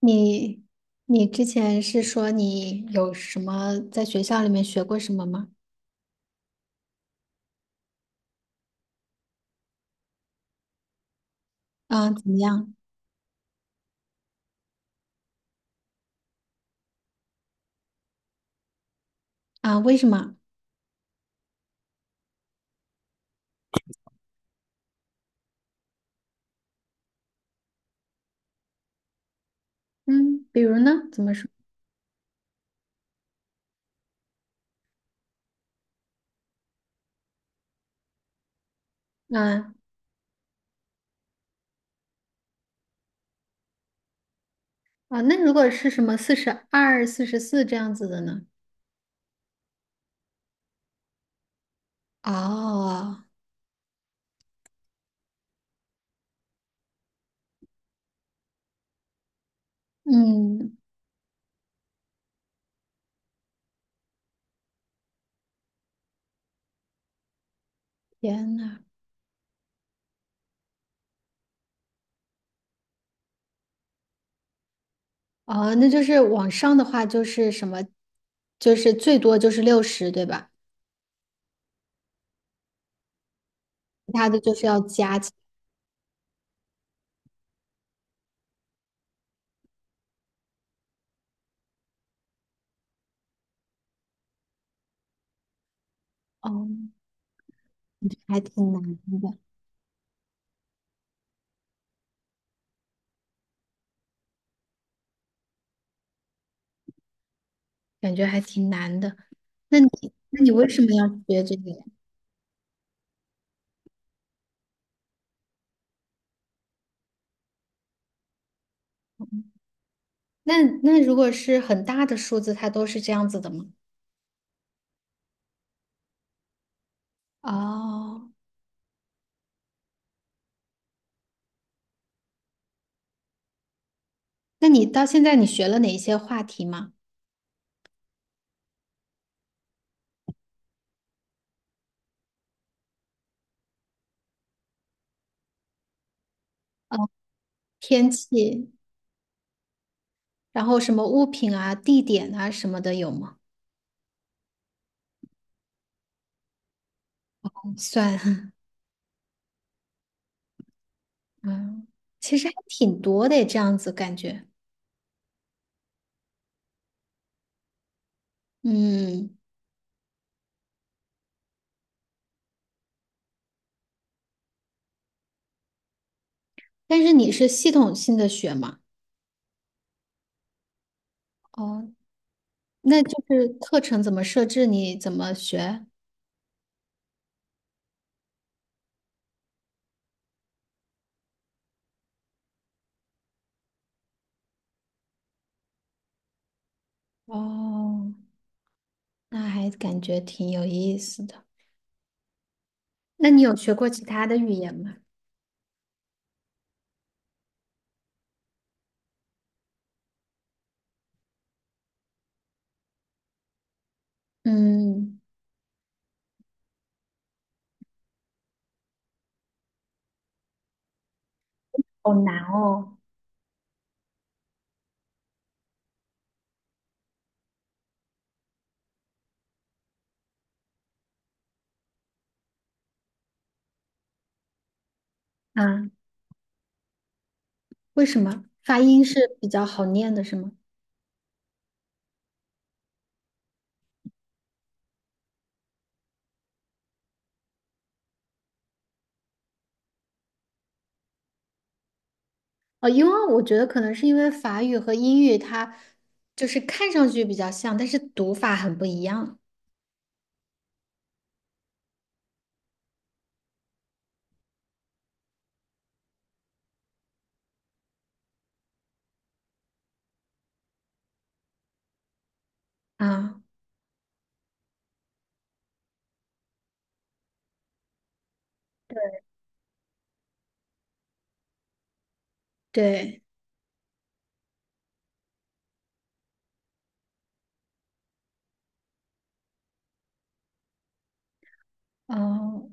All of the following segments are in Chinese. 你你之前是说你有什么在学校里面学过什么吗？啊，怎么样？啊，为什么？嗯，比如呢？怎么说？啊啊，那如果是什么42、44这样子的呢？哦，嗯，天呐，哦，那就是往上的话就是什么，就是最多就是60，对吧？其他的就是要加起，哦，还挺难的，感觉还挺难的。那你那你为什么要学这个呀？那那如果是很大的数字，它都是这样子的吗？哦，那你到现在你学了哪一些话题吗？天气，然后什么物品啊、地点啊什么的有吗？算，嗯，其实还挺多的，这样子感觉。嗯，但是你是系统性的学吗？哦，那就是课程怎么设置，你怎么学？哦，那还感觉挺有意思的。那你有学过其他的语言吗？嗯。好难哦啊！为什么发音是比较好念的，是吗？哦，因为我觉得可能是因为法语和英语它就是看上去比较像，但是读法很不一样啊。对，哦，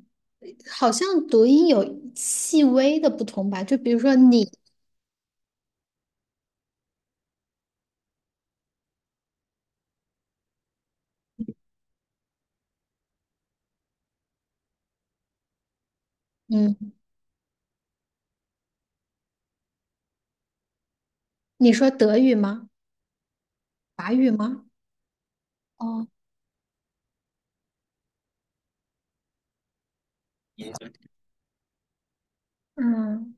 好像读音有细微的不同吧？就比如说你，嗯，你说德语吗？法语吗？哦，嗯。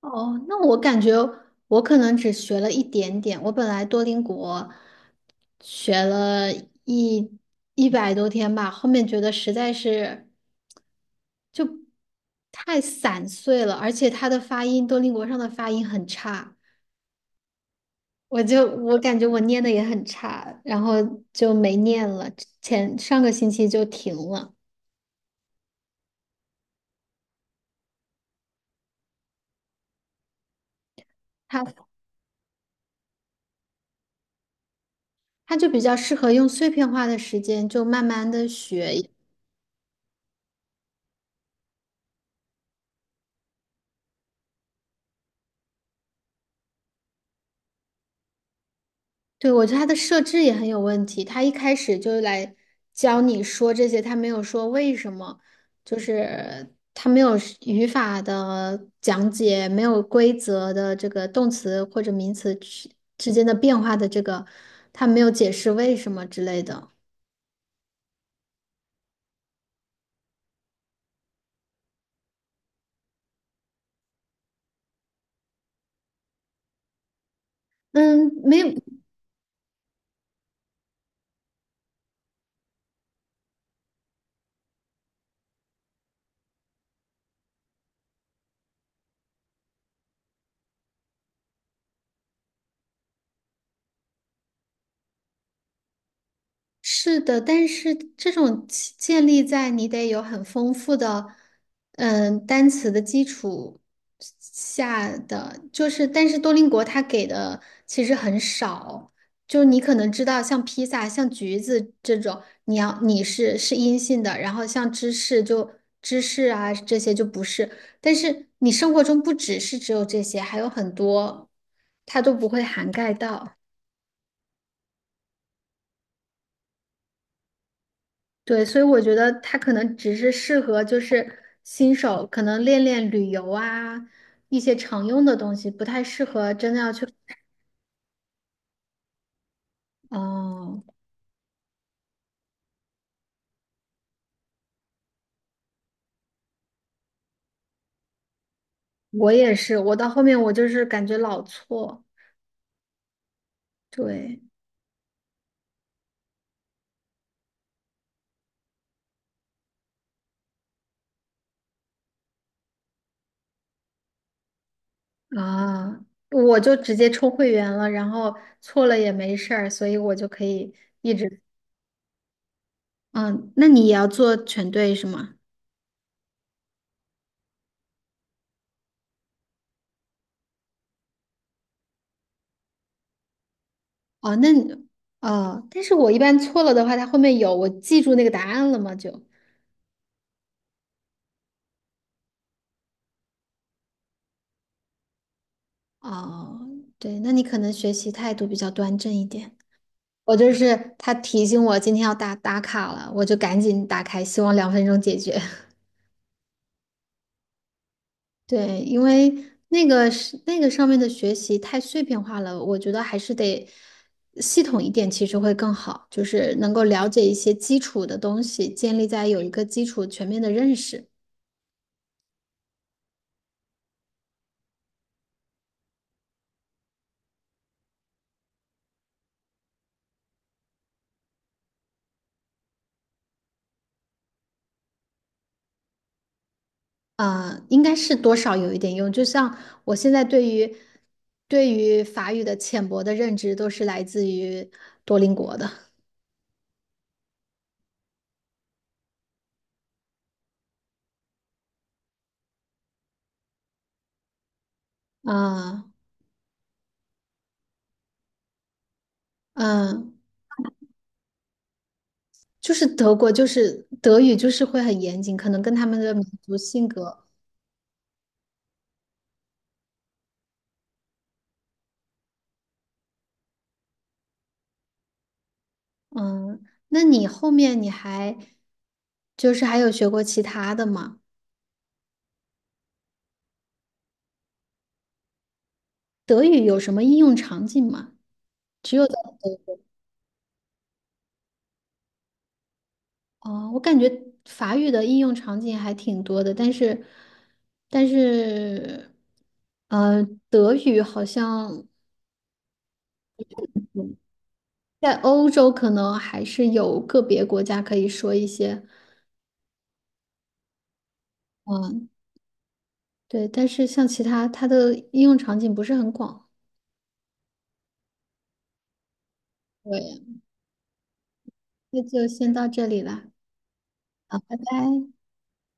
哦，那我感觉我可能只学了一点点。我本来多邻国学了一一百多天吧，后面觉得实在是就太散碎了，而且它的发音，多邻国上的发音很差，我就我感觉我念的也很差，然后就没念了，前上个星期就停了。它它就比较适合用碎片化的时间，就慢慢的学。对，我觉得它的设置也很有问题。他一开始就来教你说这些，他没有说为什么，就是他没有是语法的讲解，没有规则的这个动词或者名词之间的变化的这个，他没有解释为什么之类的。嗯，没有，是的，但是这种其建立在你得有很丰富的，嗯，单词的基础下的，就是，但是多邻国它给的其实很少，就你可能知道像披萨、像橘子这种，你要你是是阴性的，然后像芝士就芝士啊这些就不是，但是你生活中不只是只有这些，还有很多，它都不会涵盖到。对，所以我觉得它可能只是适合就是新手，可能练练旅游啊，一些常用的东西，不太适合真的要去。哦，我也是，我到后面我就是感觉老错，对啊，我就直接充会员了，然后错了也没事儿，所以我就可以一直。嗯，那你也要做全对是吗？哦，那你哦，但是我一般错了的话，它后面有我记住那个答案了吗？就。哦，对，那你可能学习态度比较端正一点。我就是他提醒我今天要打卡了，我就赶紧打开，希望2分钟解决。对，因为那个是那个上面的学习太碎片化了，我觉得还是得系统一点，其实会更好，就是能够了解一些基础的东西，建立在有一个基础全面的认识。呃，应该是多少有一点用。就像我现在对于法语的浅薄的认知，都是来自于多邻国的。啊，嗯，就是德国，就是德语，就是会很严谨，可能跟他们的民族性格。嗯，那你后面你还就是还有学过其他的吗？德语有什么应用场景吗？只有在德哦，我感觉法语的应用场景还挺多的，但是，但是，呃，德语好像在欧洲可能还是有个别国家可以说一些，嗯，对，但是像其他它的应用场景不是很广。对，那就先到这里了，好，拜拜。